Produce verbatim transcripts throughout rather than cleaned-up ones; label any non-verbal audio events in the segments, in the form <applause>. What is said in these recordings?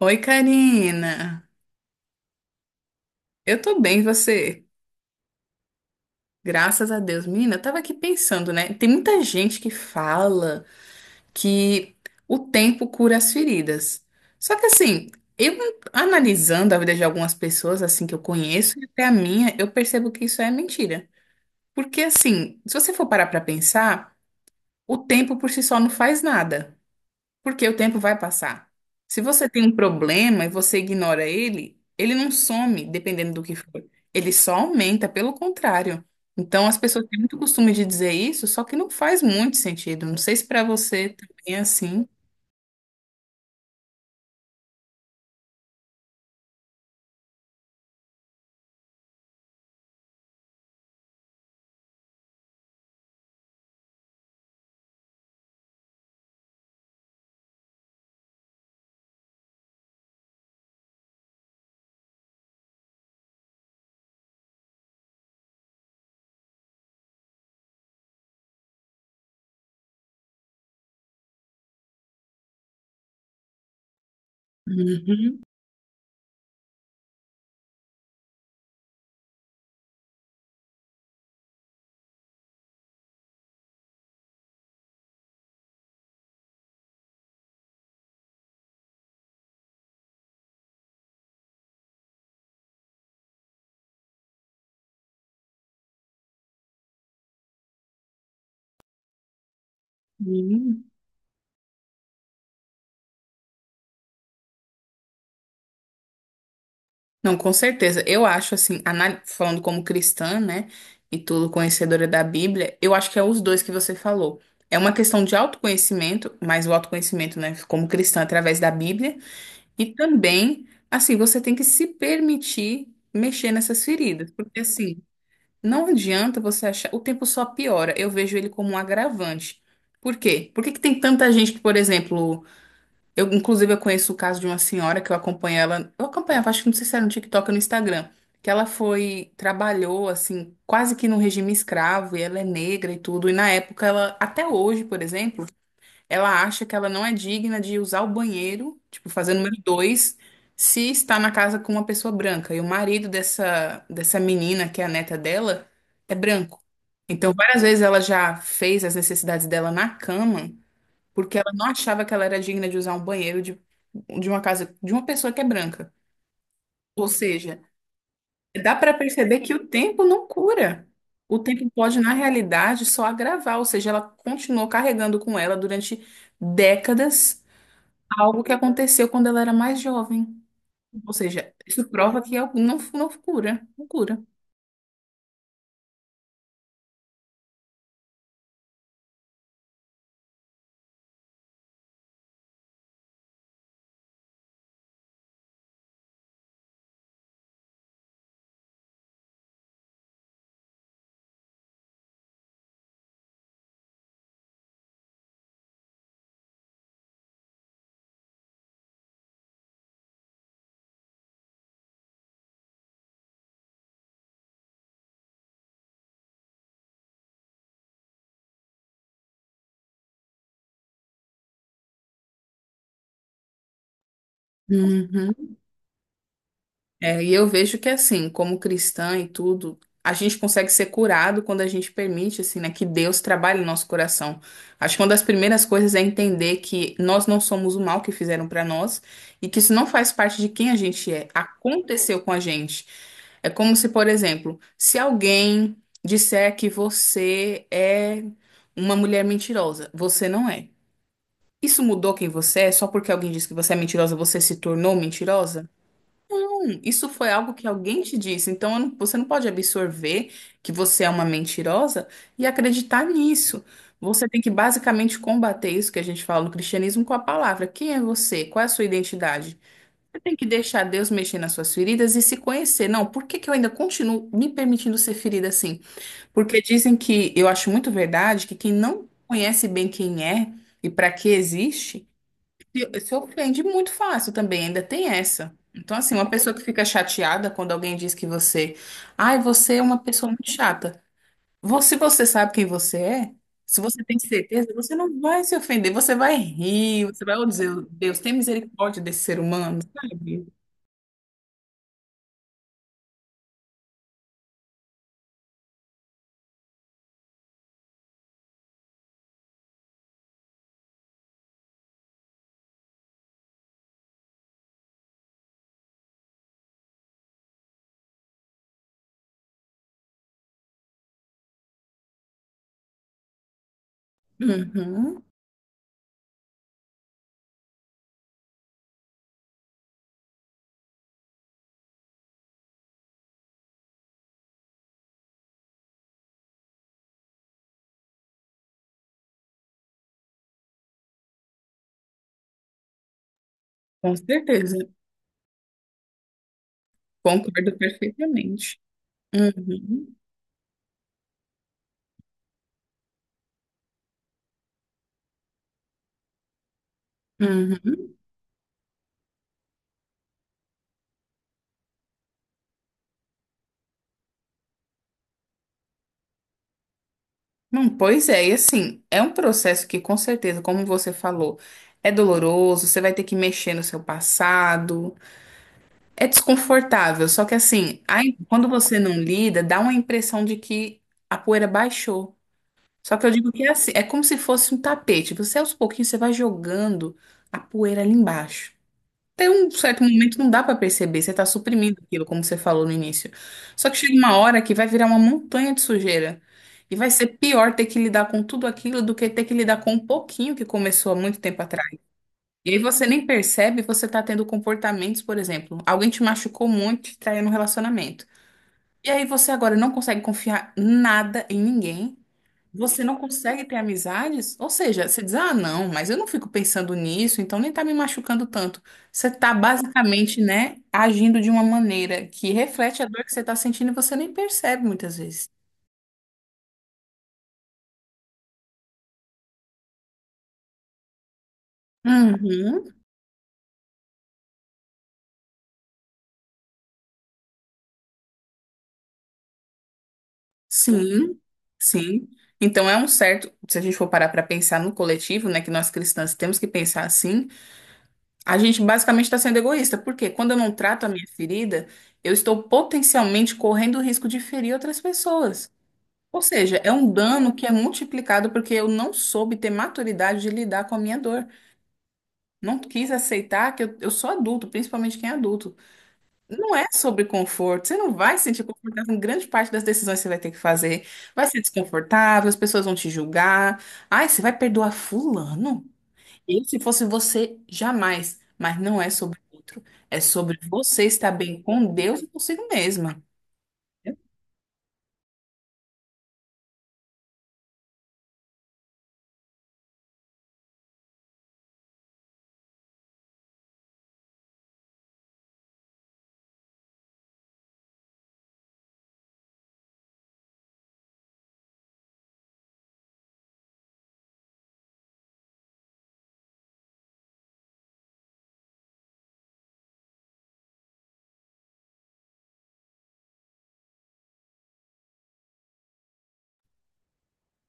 Oi, Karina. Eu tô bem, e você? Graças a Deus. Menina, eu tava aqui pensando, né? Tem muita gente que fala que o tempo cura as feridas. Só que assim, eu analisando a vida de algumas pessoas assim que eu conheço, e até a minha, eu percebo que isso é mentira. Porque assim, se você for parar pra pensar, o tempo por si só não faz nada. Porque o tempo vai passar. Se você tem um problema e você ignora ele, ele não some, dependendo do que for. Ele só aumenta, pelo contrário. Então, as pessoas têm muito costume de dizer isso, só que não faz muito sentido. Não sei se para você também é assim. Uhum, uhum. Não, com certeza. Eu acho assim, anal- falando como cristã, né, e tudo conhecedora da Bíblia, eu acho que é os dois que você falou. É uma questão de autoconhecimento, mas o autoconhecimento, né, como cristã através da Bíblia. E também, assim, você tem que se permitir mexer nessas feridas, porque assim, não adianta você achar, o tempo só piora. Eu vejo ele como um agravante. Por quê? Por que que tem tanta gente que, por exemplo, eu inclusive eu conheço o caso de uma senhora que eu acompanho ela, eu acompanhava, acho que não sei se era no TikTok ou no Instagram, que ela foi, trabalhou assim, quase que no regime escravo, e ela é negra e tudo, e na época ela, até hoje, por exemplo, ela acha que ela não é digna de usar o banheiro, tipo, fazer número dois, se está na casa com uma pessoa branca. E o marido dessa, dessa menina, que é a neta dela, é branco. Então, várias vezes ela já fez as necessidades dela na cama, porque ela não achava que ela era digna de usar um banheiro de, de uma casa de uma pessoa que é branca. Ou seja, dá para perceber que o tempo não cura. O tempo pode, na realidade, só agravar. Ou seja, ela continuou carregando com ela durante décadas algo que aconteceu quando ela era mais jovem. Ou seja, isso prova que algo não, não cura, não cura. Uhum. É, e eu vejo que assim, como cristã e tudo, a gente consegue ser curado quando a gente permite, assim, né, que Deus trabalhe no nosso coração. Acho que uma das primeiras coisas é entender que nós não somos o mal que fizeram pra nós e que isso não faz parte de quem a gente é. Aconteceu com a gente. É como se, por exemplo, se alguém disser que você é uma mulher mentirosa, você não é. Isso mudou quem você é? Só porque alguém disse que você é mentirosa, você se tornou mentirosa? Isso foi algo que alguém te disse, então eu não- você não pode absorver que você é uma mentirosa e acreditar nisso. Você tem que basicamente combater isso que a gente fala no cristianismo com a palavra. Quem é você? Qual é a sua identidade? Você tem que deixar Deus mexer nas suas feridas e se conhecer. Não, por que que eu ainda continuo me permitindo ser ferida assim? Porque dizem que, eu acho muito verdade, que quem não conhece bem quem é e para que existe se se ofende muito fácil também, ainda tem essa. Então, assim, uma pessoa que fica chateada quando alguém diz que você, ai, você é uma pessoa muito chata. Você, se você sabe quem você é, se você tem certeza, você não vai se ofender, você vai rir, você vai dizer, Deus, tem misericórdia desse ser humano, sabe? Uhum, com certeza, concordo perfeitamente. Uhum, uhum. Não, pois é, e assim, é um processo que com certeza, como você falou, é doloroso, você vai ter que mexer no seu passado, é desconfortável, só que assim, aí, quando você não lida, dá uma impressão de que a poeira baixou. Só que eu digo que é assim, é como se fosse um tapete, você aos pouquinhos você vai jogando a poeira ali embaixo. Até um certo momento não dá pra perceber, você tá suprimindo aquilo, como você falou no início. Só que chega uma hora que vai virar uma montanha de sujeira. E vai ser pior ter que lidar com tudo aquilo do que ter que lidar com um pouquinho que começou há muito tempo atrás. E aí você nem percebe, você tá tendo comportamentos, por exemplo, alguém te machucou muito, te traiu no relacionamento. E aí você agora não consegue confiar nada em ninguém. Você não consegue ter amizades? Ou seja, você diz, ah, não, mas eu não fico pensando nisso, então nem tá me machucando tanto. Você tá basicamente, né, agindo de uma maneira que reflete a dor que você tá sentindo e você nem percebe muitas vezes. Uhum, sim, sim. Então é um certo, se a gente for parar para pensar no coletivo, né, que nós cristãs temos que pensar assim, a gente basicamente está sendo egoísta, porque quando eu não trato a minha ferida, eu estou potencialmente correndo o risco de ferir outras pessoas. Ou seja, é um dano que é multiplicado porque eu não soube ter maturidade de lidar com a minha dor. Não quis aceitar que eu, eu sou adulto, principalmente quem é adulto. Não é sobre conforto. Você não vai se sentir confortável em grande parte das decisões que você vai ter que fazer. Vai ser desconfortável, as pessoas vão te julgar. Ai, você vai perdoar fulano? Eu, se fosse você, jamais. Mas não é sobre o outro. É sobre você estar bem com Deus e consigo mesma.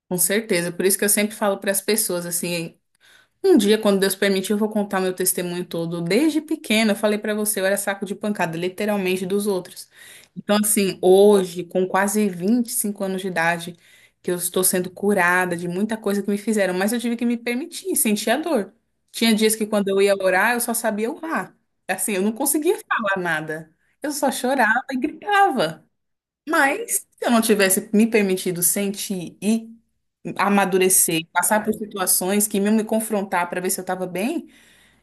Com certeza. Por isso que eu sempre falo para as pessoas assim. Um dia, quando Deus permitir, eu vou contar meu testemunho todo. Desde pequena, eu falei pra você, eu era saco de pancada, literalmente dos outros. Então, assim, hoje, com quase vinte e cinco anos de idade, que eu estou sendo curada de muita coisa que me fizeram, mas eu tive que me permitir, sentir a dor. Tinha dias que quando eu ia orar, eu só sabia orar. Assim, eu não conseguia falar nada. Eu só chorava e gritava. Mas se eu não tivesse me permitido sentir e amadurecer, passar por situações que iam me confrontar para ver se eu estava bem,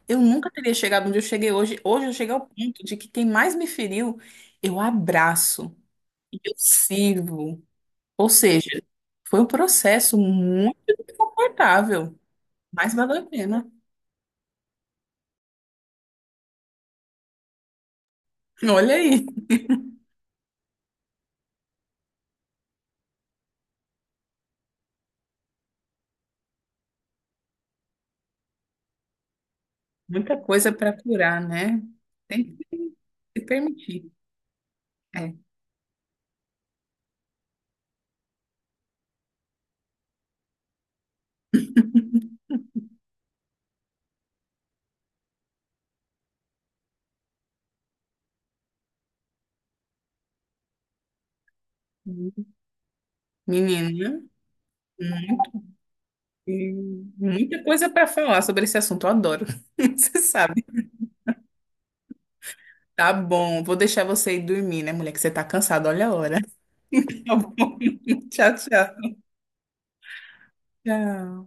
eu nunca teria chegado onde eu cheguei hoje. Hoje eu cheguei ao ponto de que quem mais me feriu, eu abraço e eu sirvo. Ou seja, foi um processo muito desconfortável, mas valeu a pena. Olha aí, muita coisa para curar, né? Tem que se permitir. É. Menina, muito- muita coisa para falar sobre esse assunto, eu adoro. <laughs> Você sabe. Tá bom, vou deixar você ir dormir, né, mulher? Que você tá cansada, olha a hora. <laughs> Tá bom. Tchau, tchau. Tchau.